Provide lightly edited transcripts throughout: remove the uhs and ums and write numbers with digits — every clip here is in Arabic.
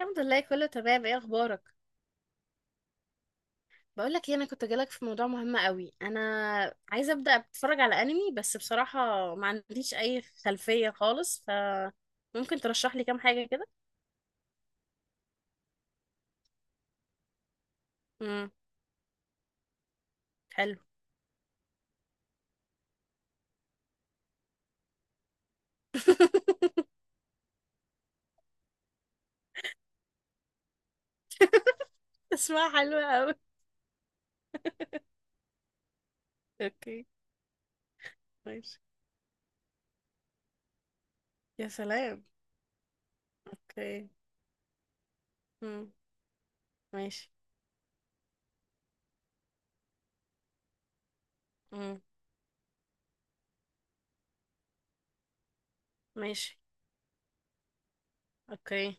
الحمد لله، كله تمام. ايه اخبارك؟ بقول لك إيه، انا كنت جالك في موضوع مهم قوي، انا عايزه ابدا اتفرج على انمي. بس بصراحه ما عنديش اي خلفيه خالص، ف ممكن ترشح لي كام حاجه كده؟ امم. حلو. اسمها حلوه قوي. اوكي. ماشي. يا سلام. اوكي. امم. ماشي. امم. ماشي. اوكي.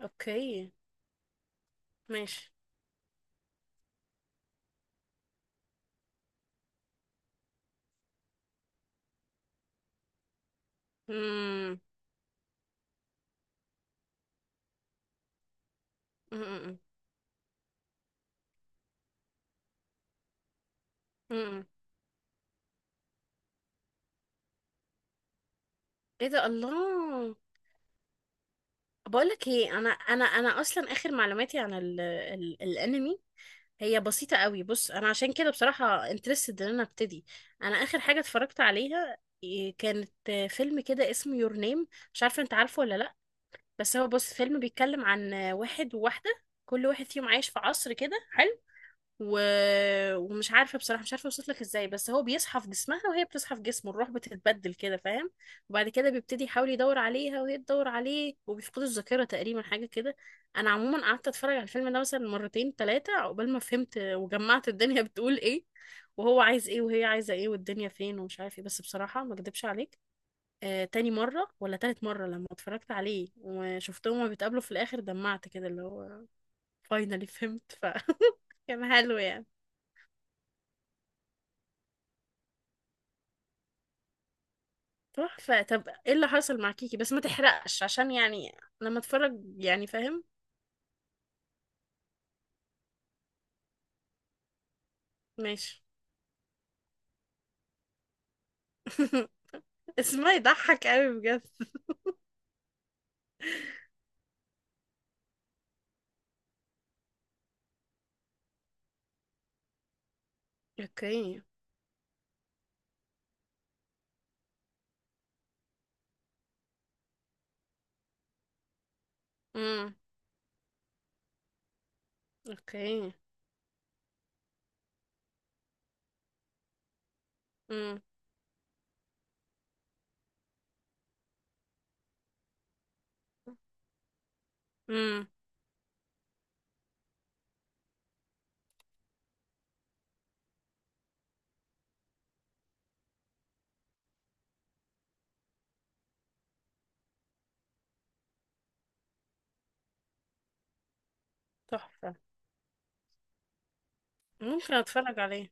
اوكي. ماشي. امم. أمم، أمم، أمم. ايه ده؟ الله. بقولك ايه، انا اصلا اخر معلوماتي عن ال ال الانمي هي بسيطه قوي. بص، انا عشان كده بصراحه انترستد ان انا ابتدي. انا اخر حاجه اتفرجت عليها، إيه، كانت فيلم كده اسمه يور نيم. مش عارفه، انت عارفه ولا لا؟ بس هو، بص، فيلم بيتكلم عن واحد وواحده، كل واحد فيهم عايش في عصر كده حلو. و... ومش عارفه بصراحه، مش عارفه اوصف لك ازاي، بس هو بيصحى في جسمها وهي بتصحى في جسمه، الروح بتتبدل كده، فاهم؟ وبعد كده بيبتدي يحاول يدور عليها وهي تدور عليه، وبيفقدوا الذاكره تقريبا، حاجه كده. انا عموما قعدت اتفرج على الفيلم ده مثلا مرتين ثلاثه عقبال ما فهمت وجمعت الدنيا بتقول ايه، وهو عايز ايه وهي عايزه ايه والدنيا فين ومش عارف ايه. بس بصراحه، ما اكدبش عليك، تاني مرة ولا تالت مرة لما اتفرجت عليه وشفتهم وهما بيتقابلوا في الآخر، دمعت كده، اللي هو فاينالي فهمت، ف كان حلو يعني. تحفة. طب ايه اللي حصل مع كيكي؟ بس ما تحرقش، عشان يعني لما اتفرج يعني، فاهم؟ ماشي. اسمها يضحك قوي بجد. اوكي. امم. اوكي. امم. امم. تحفة. ممكن اتفرج عليه.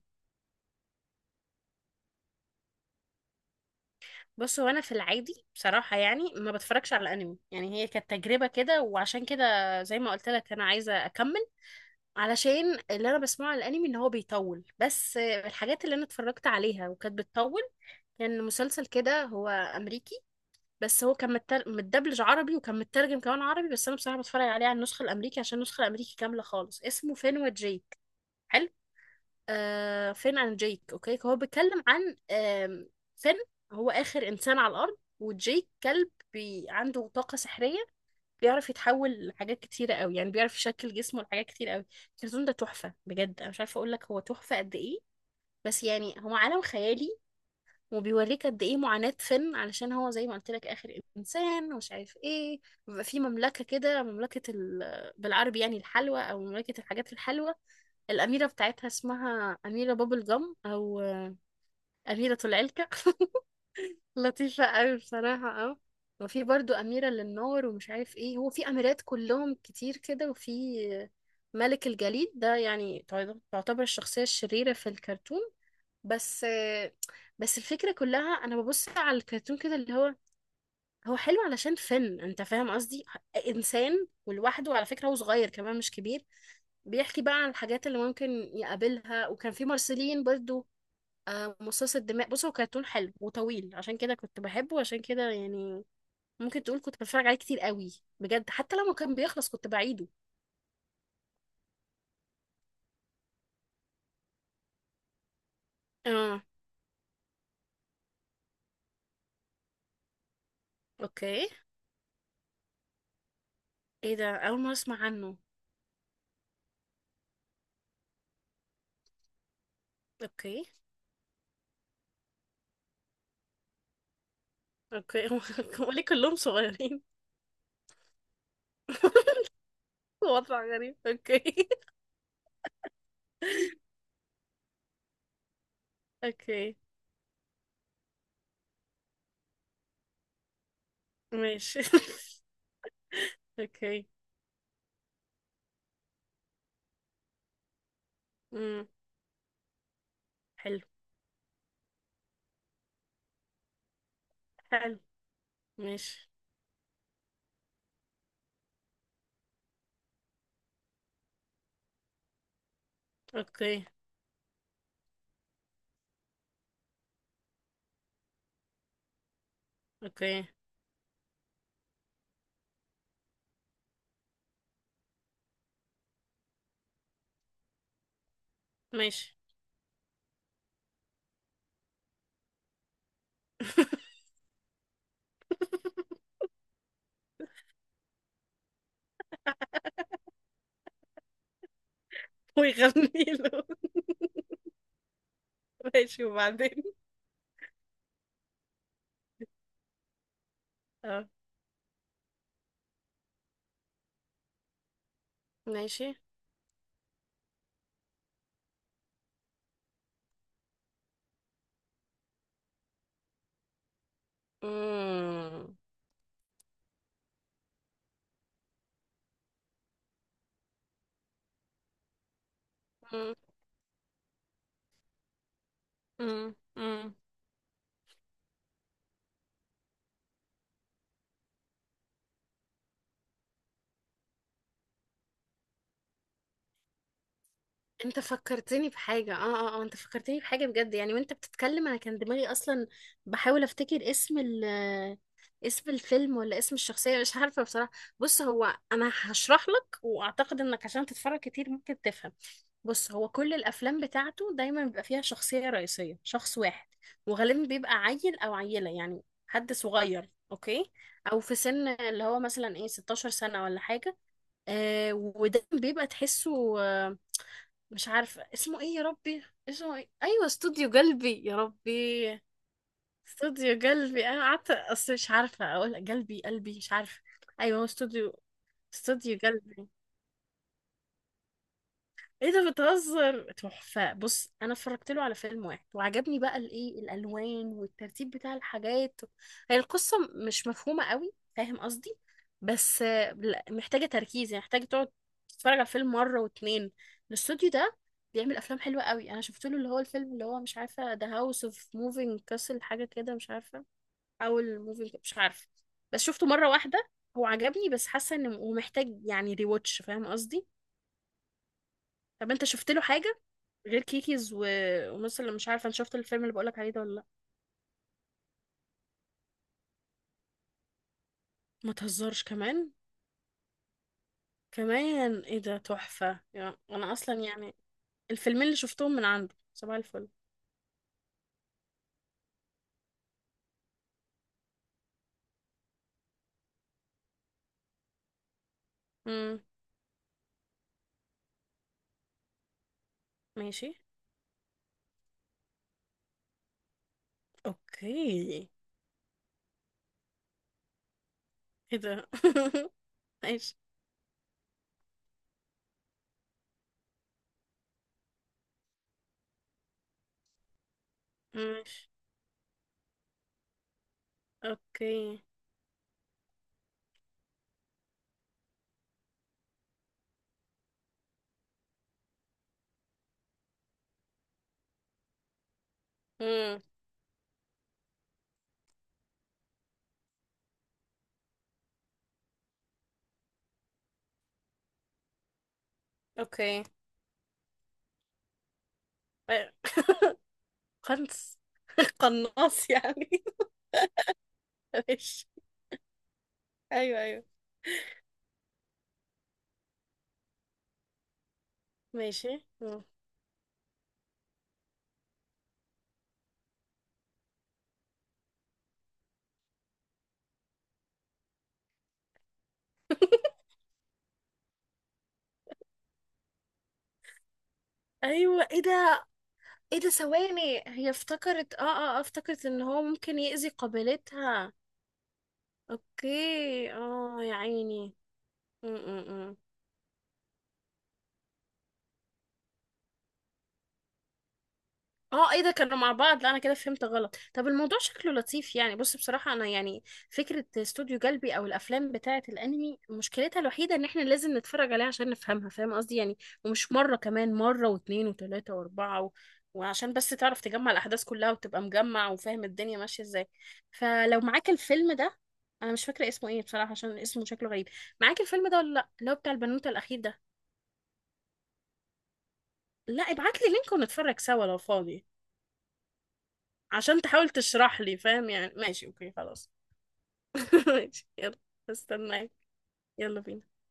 بص، هو انا في العادي بصراحة يعني ما بتفرجش على انمي، يعني هي كانت تجربة كده. وعشان كده، زي ما قلت لك انا عايزة اكمل. علشان اللي انا بسمعه على الانمي ان هو بيطول، بس الحاجات اللي انا اتفرجت عليها وكانت بتطول، كان يعني مسلسل كده، هو امريكي. بس هو كان متدبلج عربي، وكان مترجم كمان عربي. بس انا بصراحه بتفرج عليه على النسخه الامريكي، عشان النسخه الامريكي كامله خالص. اسمه فين وجيك. حلو. فين اند جيك. اوكي، هو بيتكلم عن فين. هو اخر انسان على الارض، وجيك كلب عنده طاقه سحريه. بيعرف يتحول لحاجات كتيره قوي، يعني بيعرف يشكل جسمه لحاجات كتير قوي. الكرتون ده تحفه بجد، انا مش عارفه اقول لك هو تحفه قد ايه. بس يعني هو عالم خيالي، وبيوريك قد ايه معاناة فين، علشان هو زي ما قلت لك اخر انسان ومش عارف ايه. بيبقى في مملكة كده، مملكة بالعربي يعني الحلوى، او مملكة الحاجات الحلوة. الاميرة بتاعتها اسمها اميرة بابل جم، او اميرة العلكة. لطيفة قوي بصراحة، اه. وفي برضو اميرة للنار ومش عارف ايه، هو في اميرات كلهم كتير كده، وفي آه، ملك الجليد ده، يعني تعتبر الشخصية الشريرة في الكرتون. بس بس الفكرة كلها أنا ببص على الكرتون كده، اللي هو هو حلو علشان فن، أنت فاهم قصدي؟ إنسان ولوحده، على فكرة هو صغير كمان مش كبير. بيحكي بقى عن الحاجات اللي ممكن يقابلها. وكان في مارسيلين برضو، مصاص الدماء. بص، هو كرتون حلو وطويل، عشان كده كنت بحبه. عشان كده يعني ممكن تقول كنت بتفرج عليه كتير قوي، بجد، حتى لما كان بيخلص كنت بعيده. اه. اوكي. ايه ده؟ اول مرة اسمع عنه. اوكي. اوكي. هو ليه كلهم صغيرين؟ وضع غريب. اوكي. اوكي. ماشي. اوكي. امم. حلو. حلو. ماشي. اوكي. اوكي. ماشي. ويغني له. ماشي. وبعدين؟ اه. ماشي. امم. امم. امم. انت فكرتني بحاجة بجد يعني، وانت بتتكلم انا كان دماغي اصلا بحاول افتكر اسم الفيلم ولا اسم الشخصية، مش عارفة بصراحة. بص، هو انا هشرح لك، واعتقد انك عشان تتفرج كتير ممكن تفهم. بص، هو كل الافلام بتاعته دايما بيبقى فيها شخصية رئيسية، شخص واحد. وغالبا بيبقى عيل او عيلة، يعني حد صغير، اوكي. او في سن اللي هو مثلا ايه 16 سنة ولا حاجة. وده بيبقى تحسه، مش عارفة اسمه ايه يا ربي. اسمه ايه؟ ايوه، استوديو قلبي، يا ربي. استوديو قلبي. انا قعدت اصل مش عارفة اقول قلبي، قلبي، مش عارفة. ايوه، هو استوديو، استوديو قلبي. ايه ده؟ بتهزر؟ تحفة. بص، انا اتفرجت له على فيلم واحد وعجبني بقى الايه، الالوان والترتيب بتاع الحاجات. هي القصة مش مفهومة قوي، فاهم قصدي؟ بس لا، محتاجة تركيز، يعني محتاجة تقعد تتفرج على الفيلم مرة واتنين. الاستوديو ده بيعمل افلام حلوة قوي. انا شفت له اللي هو الفيلم اللي هو مش عارفة، ذا هاوس اوف موفينج كاسل، حاجة كده، مش عارفة، او الموفينج، مش عارفة. بس شفته مرة واحدة. هو عجبني، بس حاسة انه ومحتاج يعني ريواتش، فاهم قصدي؟ طب انت شفت له حاجه غير كيكيز ونص اللي مش عارفه؟ انا شفت الفيلم اللي بقولك عليه ده ولا لا؟ ما تهزرش، كمان كمان! ايه ده؟ تحفه يعني، انا اصلا يعني الفيلمين اللي شفتهم من عنده، صباح الفل. امم. ماشي. اوكي. ايه ده؟ ماشي. ماشي. اوكي. امم. اوكي. أيوة. قنص. قناص يعني. ماشي. ايوه. ايوه. ماشي. مم. ايوه. ايه ده؟ ايه ده؟ ثواني، هي افتكرت اه اه آه، افتكرت ان هو ممكن يأذي قابلتها. اوكي. اه، يا عيني. م -م -م. اه، ايه ده؟ كانوا مع بعض؟ لا، انا كده فهمت غلط. طب الموضوع شكله لطيف يعني. بص، بصراحة انا يعني فكرة استوديو جلبي، او الافلام بتاعة الانمي، مشكلتها الوحيدة ان احنا لازم نتفرج عليها عشان نفهمها، فاهم قصدي يعني؟ ومش مرة، كمان مرة واتنين وتلاتة واربعة وعشان بس تعرف تجمع الاحداث كلها وتبقى مجمع وفاهم الدنيا ماشية ازاي. فلو معاك الفيلم ده. انا مش فاكرة اسمه ايه بصراحة، عشان اسمه شكله غريب. معاك الفيلم ده ولا لا؟ اللي هو بتاع البنوتة الاخير ده. لا، ابعت لي لينك ونتفرج سوا لو فاضي، عشان تحاول تشرح لي، فاهم يعني؟ ماشي. اوكي. خلاص. ماشي. يلا، استناك. يلا بينا.